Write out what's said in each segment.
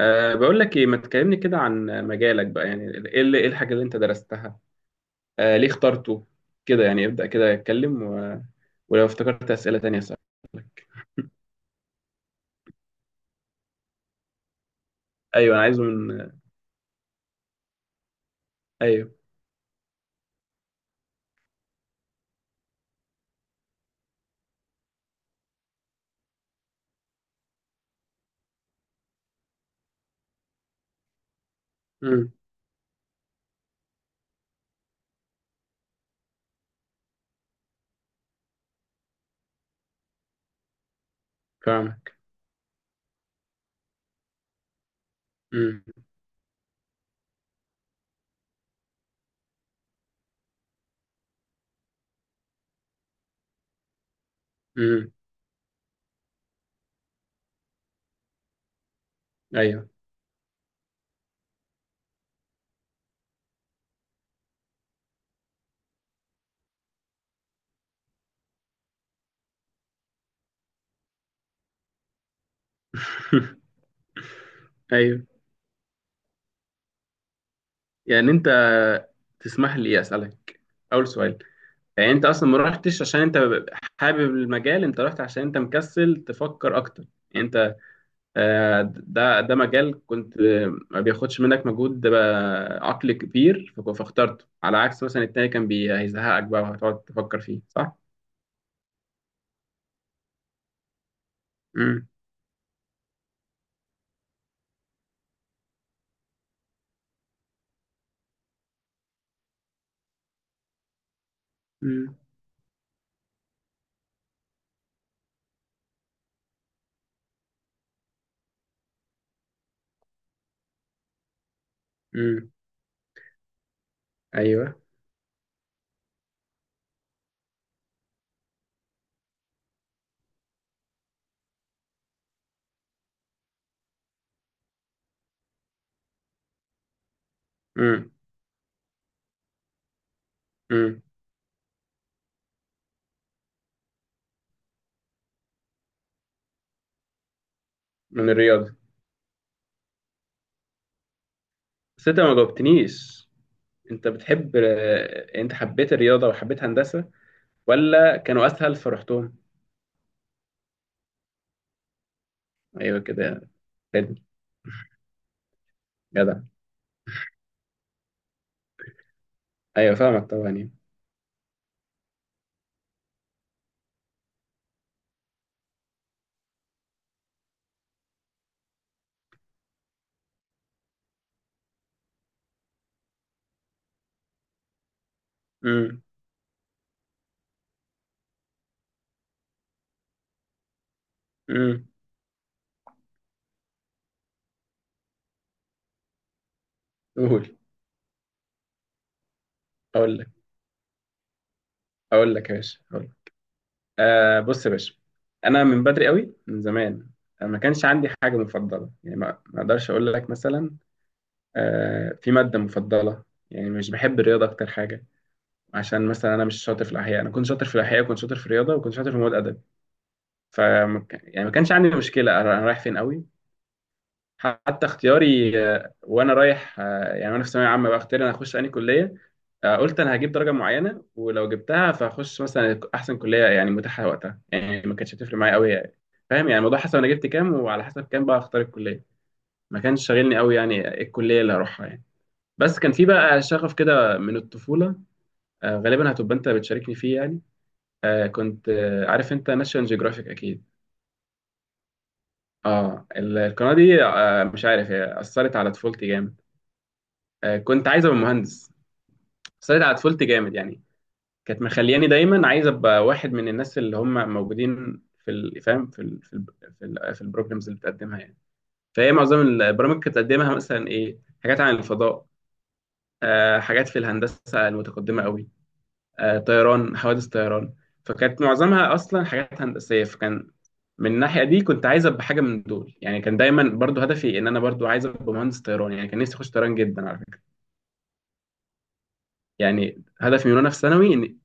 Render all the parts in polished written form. بقول لك ايه، ما تكلمني كده عن مجالك بقى. يعني ايه الحاجة اللي انت درستها؟ ليه اخترته؟ كده يعني ابدأ كده اتكلم ولو افتكرت أسئلة تانية، صح. ايوه، انا عايزه من ايوه. امم. فاهمك. امم. امم. ايوه. ايوه. يعني انت. تسمح لي اسألك. اول سؤال. يعني انت اصلا ما رحتش عشان انت حابب المجال، انت رحت عشان انت مكسل تفكر اكتر يعني. ده مجال كنت ما بياخدش منك مجهود عقلي كبير، فاخترته على عكس مثلا التاني كان هيزهقك بقى وهتقعد تفكر فيه، صح؟ امم. امم. امم. ايوه. امم. امم. من الرياضة. بس انت ما جاوبتنيش. انت بتحب آه، انت حبيت الرياضة وحبيت هندسة، ولا كانوا اسهل فرحتهم؟ ايوه كده. فادني. جدع. ايوه فاهمك طبعا يعني. امم. امم. قول. اقول لك اقول لك يا باشا. بص يا باشا، انا من بدري قوي من زمان. ما كانش عندي حاجه مفضله، يعني ما اقدرش اقول لك مثلا في ماده مفضله. يعني مش بحب الرياضه اكتر حاجه، عشان مثلا انا مش شاطر في الاحياء. انا كنت شاطر في الاحياء وكنت شاطر في الرياضه وكنت شاطر في مواد ادب. ف يعني ما كانش عندي مشكله انا رايح فين قوي. حتى اختياري وانا رايح يعني وانا في ثانويه عامه بقى، اختياري انا اخش انهي كليه. قلت انا هجيب درجه معينه، ولو جبتها فهخش مثلا احسن كليه يعني متاحه وقتها. يعني ما كانتش هتفرق معايا قوي يعني. فاهم؟ يعني الموضوع حسب انا جبت كام، وعلى حسب كام بقى اختار الكليه. ما كانش شاغلني قوي يعني إيه الكليه اللي هروحها يعني. بس كان في بقى شغف كده من الطفوله. غالبا هتبقى انت بتشاركني فيه يعني. كنت عارف انت ناشيونال جيوغرافيك اكيد. اه، القناه دي مش عارف هي اثرت على طفولتي جامد. كنت عايز ابقى مهندس. بس أنا على طفولتي جامد يعني. كانت مخلياني دايما عايز ابقى واحد من الناس اللي هم موجودين في فاهم في البروجرامز اللي بتقدمها يعني. فهي معظم البرامج اللي بتقدمها مثلا ايه، حاجات عن الفضاء، حاجات في الهندسه المتقدمه قوي، طيران، حوادث طيران. فكانت معظمها اصلا حاجات هندسيه، فكان من الناحيه دي كنت عايز ابقى حاجه من دول. يعني كان دايما برضو هدفي ان انا برضو عايز ابقى مهندس طيران. يعني كان نفسي اخش طيران جدا على فكره. يعني هدفي من وانا في ثانوي.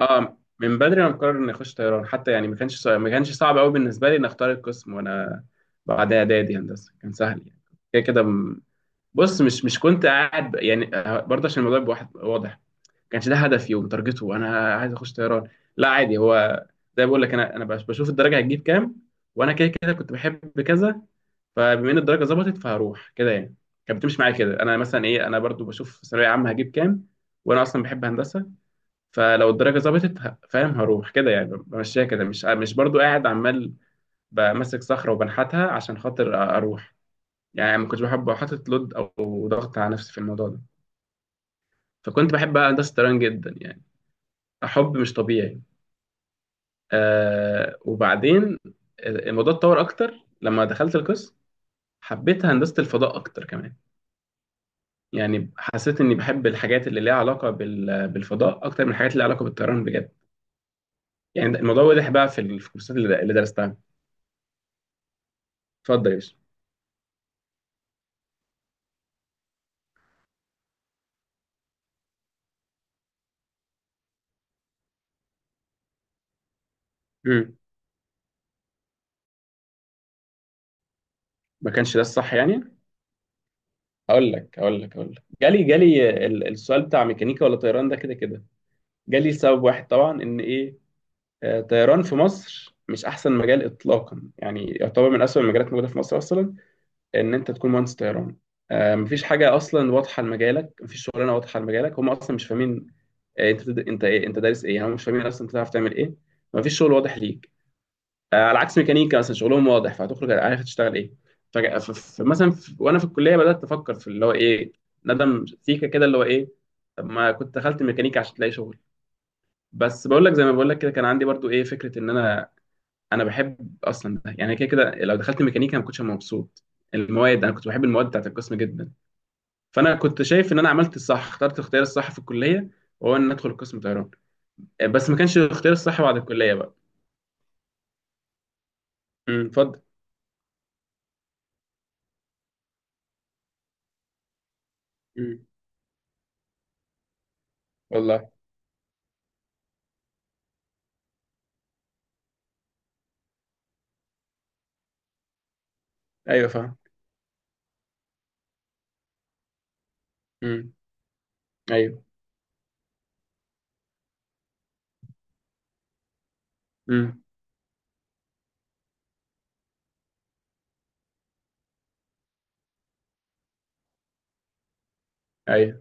اه من بدري انا مقرر اني اخش طيران حتى، يعني ما كانش صعب، ما كانش صعب قوي بالنسبه لي ان اختار القسم. وانا بعد اعدادي هندسه كان سهل يعني. كده كده بص، مش كنت قاعد يعني برضه عشان الموضوع يبقى واحد واضح. ما كانش ده هدفي ومتارجته انا عايز اخش طيران، لا عادي هو. زي ما بقول لك، انا بشوف الدرجه هتجيب كام، وانا كده كده كنت بحب كذا. فبما ان الدرجه ظبطت فهروح كده يعني. كانت بتمشي معايا كده، انا مثلا ايه، انا برضو بشوف ثانويه عامه هجيب كام، وانا اصلا بحب هندسه. فلو الدرجه ظبطت فاهم، هروح كده يعني. بمشيها كده، مش برضو قاعد عمال بمسك صخره وبنحتها عشان خاطر اروح. يعني ما كنتش بحب احط لود او ضغط على نفسي في الموضوع ده. فكنت بحب بقى هندسه الطيران جدا يعني، حب مش طبيعي. وبعدين الموضوع اتطور اكتر لما دخلت القسم، حبيت هندسه الفضاء اكتر كمان. يعني حسيت اني بحب الحاجات اللي ليها علاقه بالفضاء اكتر من الحاجات اللي ليها علاقه بالطيران، بجد. يعني الموضوع واضح بقى في في الكورسات اللي درستها. اتفضل يا باشا. امم. ما كانش ده الصح يعني. اقول لك جالي السؤال بتاع ميكانيكا ولا طيران. ده كده كده جالي سبب واحد طبعا، ان ايه، طيران في مصر مش احسن مجال اطلاقا. يعني يعتبر من اسوأ المجالات الموجوده في مصر اصلا ان انت تكون مهندس طيران. مفيش حاجه اصلا واضحه لمجالك، مفيش شغلانه واضحه لمجالك، هم اصلا مش فاهمين. انت دارس ايه يعني، هم مش فاهمين اصلا انت تعرف تعمل ايه. مفيش شغل واضح ليك. على عكس ميكانيكا مثلا، شغلهم واضح، فهتخرج عارف هتشتغل ايه. مثلا وانا في الكليه بدات افكر في اللي هو ايه، ندم سيكه كده، اللي هو ايه، طب ما كنت دخلت ميكانيكا عشان تلاقي شغل. بس بقول لك، زي ما بقول لك كده، كان عندي برضو ايه فكره ان انا، انا بحب اصلا ده يعني. كده كده لو دخلت ميكانيكا ما كنتش هبقى مبسوط. المواد، انا كنت بحب المواد بتاعت القسم جدا. فانا كنت شايف ان انا عملت الصح، اخترت الاختيار الصح في الكليه، وهو ان ادخل قسم طيران. بس ما كانش الاختيار الصح بعد الكليه بقى. امم. اتفضل. امم. والله. ايوه فاهم. امم. ايوه. امم. ايوه.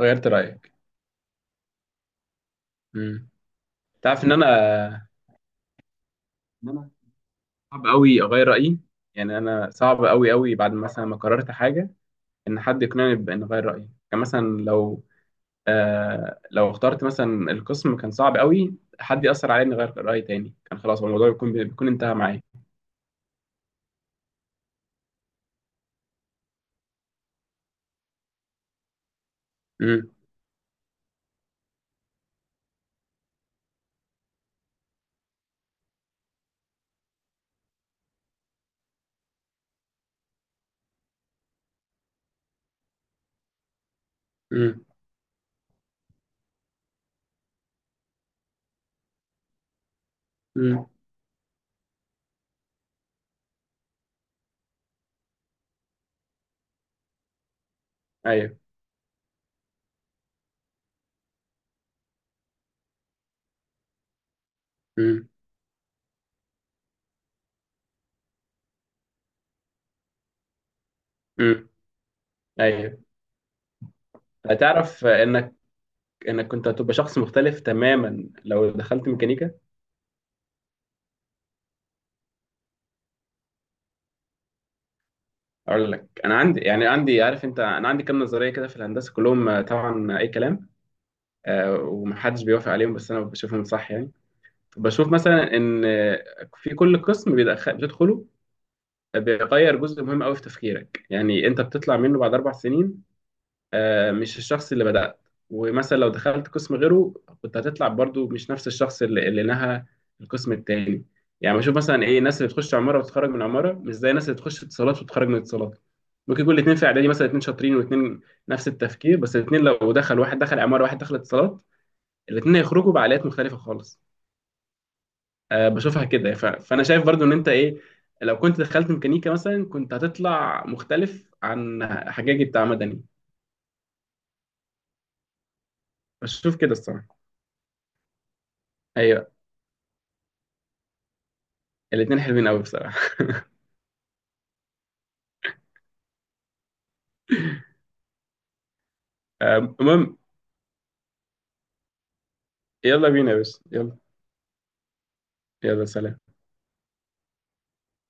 غيرت رايك. امم. تعرف ان انا. ان انا صعب قوي اغير رايي، يعني انا صعب قوي قوي بعد مثلا ما قررت حاجه، ان حد يقنعني بان اغير رايي. يعني مثلا لو لو اخترت مثلا القسم، كان صعب قوي حد ياثر عليا اني اغير رايي تاني، كان خلاص هو الموضوع بيكون انتهى معايا. امم. امم. امم. ايوه. امم. امم. ايوه. تعرف انك. انك كنت هتبقى شخص مختلف تماما لو دخلت ميكانيكا. اقول لك. انا عندي يعني عندي عارف انت، انا عندي كام نظريه كده في الهندسه كلهم، طبعا اي كلام. ومحدش بيوافق عليهم بس انا بشوفهم صح يعني. بشوف مثلا ان في كل قسم بتدخله بيغير جزء مهم قوي في تفكيرك. يعني انت بتطلع منه بعد 4 سنين مش الشخص اللي بدأت. ومثلا لو دخلت قسم غيره كنت هتطلع برضو مش نفس الشخص اللي نهى القسم التاني. يعني بشوف مثلا، ايه، الناس اللي تخش عمارة وتتخرج من عمارة مش زي الناس اللي تخش اتصالات وتتخرج من اتصالات. ممكن يكون الاتنين في اعدادي مثلا اتنين شاطرين، واتنين نفس التفكير، بس الاتنين لو دخل واحد دخل عمارة واحد دخل اتصالات، الاتنين هيخرجوا بعقليات مختلفة خالص. بشوفها كده فانا شايف برضو ان انت ايه، لو كنت دخلت ميكانيكا مثلا كنت هتطلع مختلف عن حجاجي بتاع مدني. بشوف كده الصراحة. ايوه. الاتنين حلوين قوي بصراحة. المهم، يلا بينا بس، يلا. يلا سلام.